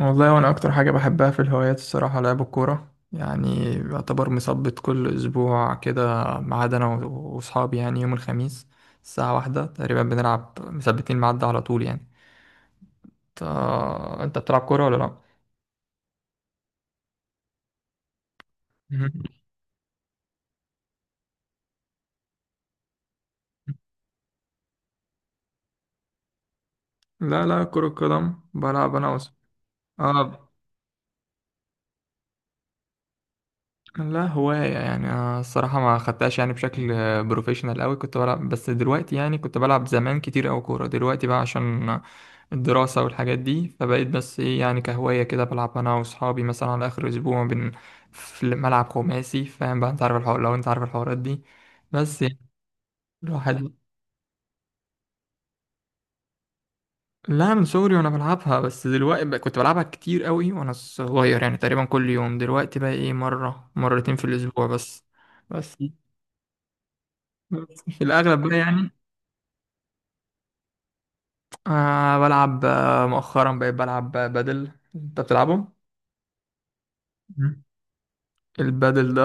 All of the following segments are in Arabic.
والله وانا اكتر حاجه بحبها في الهوايات الصراحه لعب الكوره، يعني يعتبر مثبت كل اسبوع كده، ما عدا انا واصحابي، يعني يوم الخميس الساعه واحدة تقريبا بنلعب، مثبتين ميعاد على طول يعني. انت انت بتلعب كوره ولا لا؟ مهم. لا لا، كره قدم بلعب انا اه، لا هواية يعني، أنا الصراحة ما خدتهاش يعني بشكل بروفيشنال قوي، كنت بلعب، بس دلوقتي يعني كنت بلعب زمان كتير أوي كورة، دلوقتي بقى عشان الدراسة والحاجات دي، فبقيت بس إيه يعني كهواية كده، بلعب أنا وأصحابي مثلا على آخر أسبوع في ملعب خماسي، فاهم بقى، أنت عارف الحوار، لو أنت عارف الحوارات دي، بس يعني الواحد. لا، من صغري وأنا بلعبها، بس دلوقتي بقى كنت بلعبها كتير أوي وأنا صغير، يعني تقريبا كل يوم، دلوقتي بقى إيه، مرة مرتين في الأسبوع بس. بس بس في الأغلب بقى يعني. بلعب، مؤخرا بقيت بلعب بدل، انت بتلعبه؟ مم. البادل ده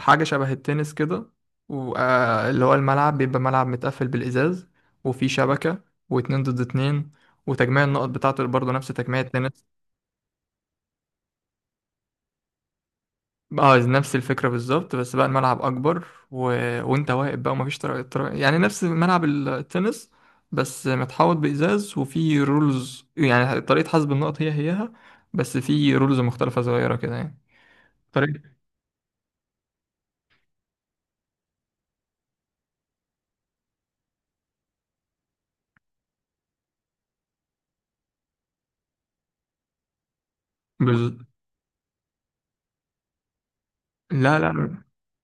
حاجة شبه التنس كده، واللي هو الملعب بيبقى ملعب متقفل بالإزاز، وفيه شبكة، واتنين ضد اتنين، وتجميع النقط بتاعته برضه نفس تجميع التنس. اه، نفس الفكرة بالظبط، بس بقى الملعب أكبر وانت واقف بقى، ومفيش طرق، يعني نفس ملعب التنس، بس متحوط بإزاز، وفيه رولز، يعني طريقة حسب النقط هيها، بس في رولز مختلفة صغيرة كده يعني طريق بز... لا لا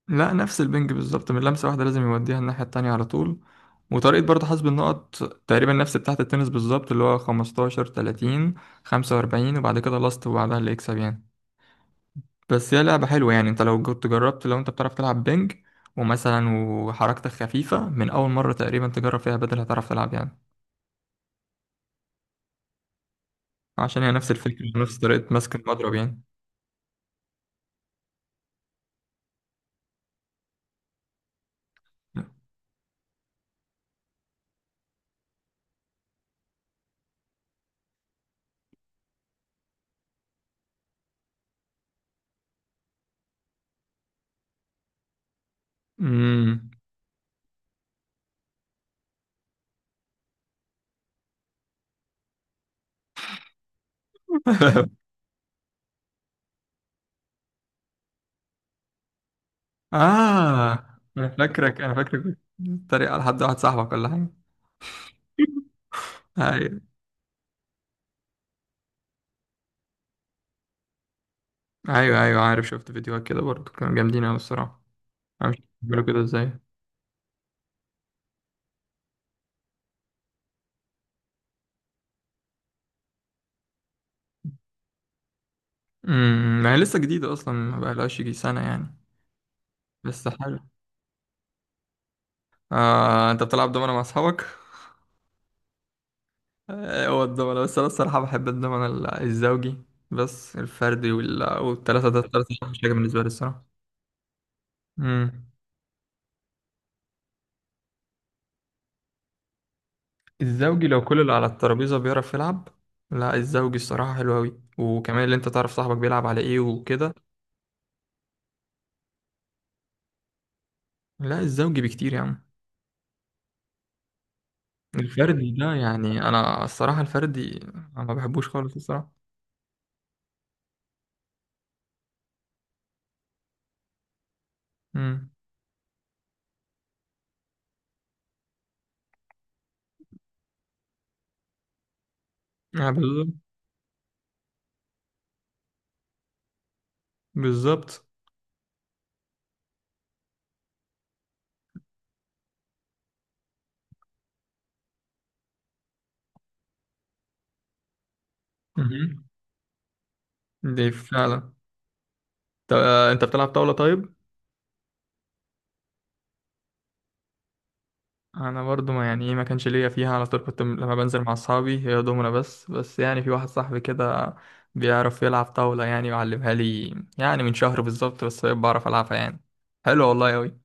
لا، نفس البنج بالظبط، من لمسة واحدة لازم يوديها الناحية التانية على طول، وطريقة برضه حسب النقط تقريبا نفس بتاعة التنس بالظبط، اللي هو 15 30 45 وبعد كده لاست، وبعدها اللي يكسب يعني. بس هي لعبة حلوة يعني، انت لو كنت جربت، لو انت بتعرف تلعب بنج ومثلا وحركتك خفيفة، من أول مرة تقريبا تجرب فيها بدل هتعرف تلعب يعني، عشان هي نفس الفكرة، نفس طريقة مسك المضرب يعني. امم. اه، انا فاكرك بتتريق على حد واحد صاحبك ولا حاجه؟ ايوه ايوه، ايوه عارف، شفت فيديوهات كده برضه كانوا جامدين قوي الصراحه. انا مش عارف بيعملوا كده ازاي. ما هي لسه جديده اصلا، ما بقالهاش يجي سنه يعني. لسه حلو. انت بتلعب دومنه مع اصحابك؟ هو الدومنه، بس انا الصراحه بحب الدومنه الزوجي، بس الفردي والثلاثه ده، الثلاثه مش حاجه بالنسبه لي الصراحه. امم. الزوجي لو كل اللي على الترابيزة بيعرف يلعب. لا، الزوجي الصراحة حلو أوي، وكمان اللي أنت تعرف صاحبك بيلعب على إيه وكده. لا، الزوجي بكتير يا عم. الفردي ده يعني، أنا الصراحة الفردي أنا ما بحبوش خالص الصراحة. امم بالظبط. بالظبط. مهم. دي فعلا. طب، أنت بتلعب طاولة طيب؟ انا برضو ما يعني ايه، ما كانش ليا فيها على طول، كنت لما بنزل مع اصحابي هي دومنا بس يعني في واحد صاحبي كده بيعرف يلعب طاولة يعني، وعلمها لي يعني من شهر بالظبط، بس بعرف العبها يعني. حلو والله اوي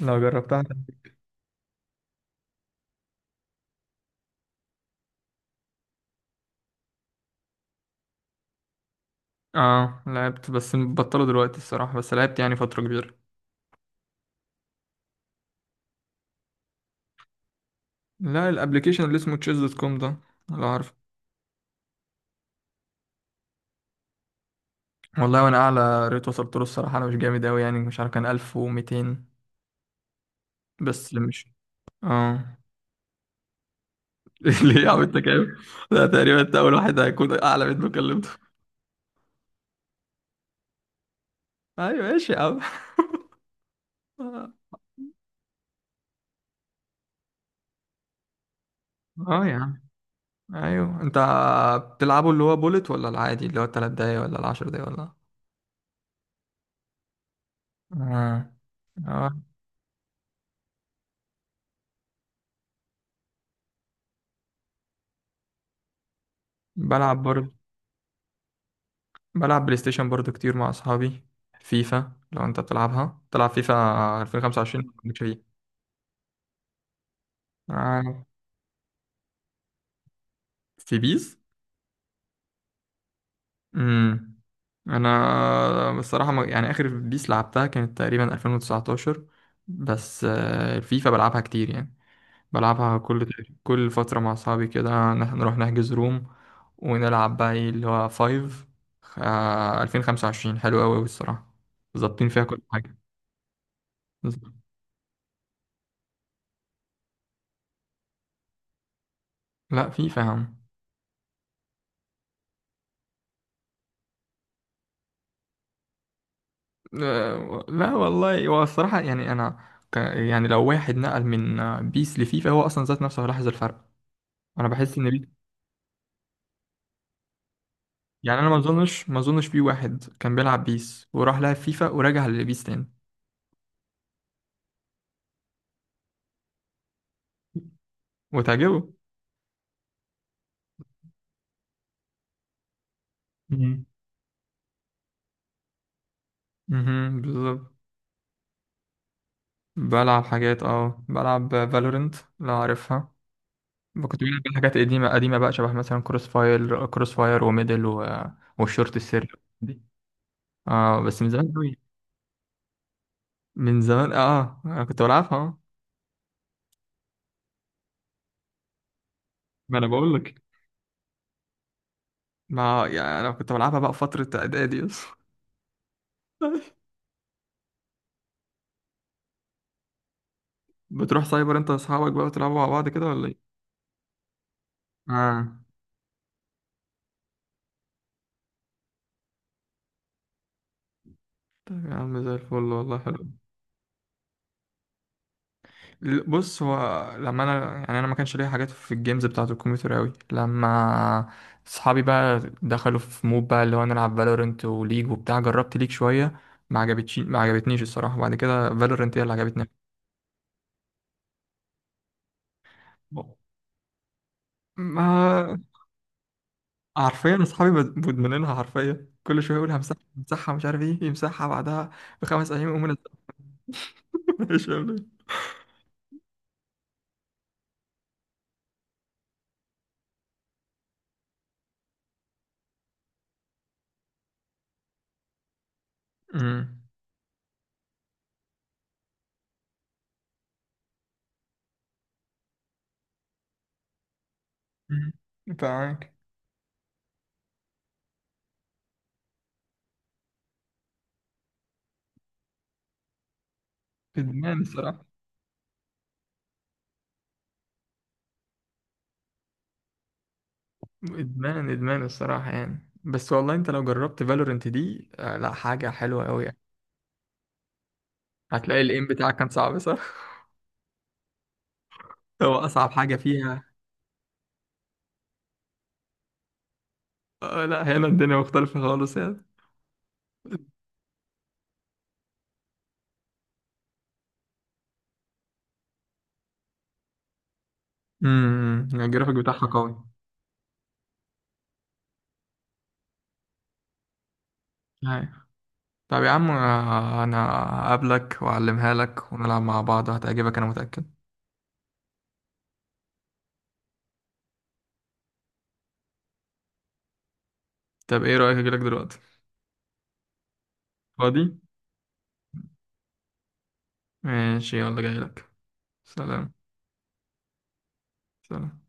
لو جربتها. اه لعبت، بس بطلوا دلوقتي الصراحة، بس لعبت يعني فترة كبيرة. لا، الابليكيشن اللي اسمه chess.com ده، لا عارف. والله وانا اعلى ريت وصلت له الصراحة، انا مش جامد اوي يعني، مش عارف كان 1200، بس مش، اه. ليه يا عم انت كام؟ ده تقريبا انت اول واحد هيكون اعلى منه كلمته. ايوه ماشي يا عم. اه يا عم. ايوه، انت بتلعبه اللي هو بولت، ولا العادي اللي هو التلات دقايق، ولا العشر دقايق ولا؟ اه، اه بلعب برضه، بلعب بلاي ستيشن برضه كتير مع اصحابي. فيفا، لو انت بتلعبها، تلعب فيفا 2025 ولا مالكش فيه؟ آه. في بيس. امم. انا بصراحه يعني اخر بيس لعبتها كانت تقريبا 2019، بس، الفيفا بلعبها كتير يعني، بلعبها كل فتره مع اصحابي كده نروح نحجز روم، ونلعب بقى، ايه اللي هو فايف 2025 حلو قوي الصراحه، ظابطين فيها كل حاجه. لا فيفا يا عم. لا والله، هو الصراحه يعني انا يعني لو واحد نقل من بيس لفيفا، هو اصلا ذات نفسه هيلاحظ الفرق. انا بحس ان يعني، انا ما اظنش في واحد كان بيلعب بيس وراح لعب فيفا ورجع للبيس تاني. وتعجبه. مم. بالظبط. بلعب حاجات، بلعب فالورنت لو عارفها. كنت بلعب حاجات قديمة قديمة بقى، شبه مثلا كروس فاير وميدل والشورت السري دي، اه بس من زمان قوي. من زمان، اه انا كنت بلعبها اه. ما انا بقول لك، ما يعني انا كنت بلعبها بقى في فترة اعدادي اصلا. بتروح سايبر انت واصحابك بقى، وتلعبوا مع بعض كده ولا ايه؟ اه طيب يا عم، زي الفل والله حلو. بص هو، لما انا يعني انا ما كانش ليا حاجات في الجيمز بتاعه الكمبيوتر قوي، لما اصحابي بقى دخلوا في مود بقى اللي هو نلعب فالورنت وليج وبتاع، جربت ليج شويه، ما عجبتنيش الصراحه، وبعد كده فالورنت هي اللي عجبتني. ما، حرفيا اصحابي مدمنينها، حرفيا كل شويه يقول همسحها همسحها، مش عارف ايه، يمسحها بعدها بخمس ايام يقوم منزلها. مش فاهم ليه. أمم. أمم. فاهمك. ادمان الصراحه. ادمان ادمان الصراحه يعني، بس والله انت لو جربت فالورنت دي لا، حاجه حلوه قوي يعني. هتلاقي الايم بتاعك كان صعب، صح؟ هو اصعب حاجه فيها. آه لا، هنا الدنيا مختلفه خالص يعني. الجرافيك بتاعها قوي. أيوة. طب يا عم، انا هقابلك واعلمها لك ونلعب مع بعض، هتعجبك انا متاكد. طب ايه رايك اجيلك دلوقتي؟ فاضي. ماشي يلا جايلك. سلام. سلام.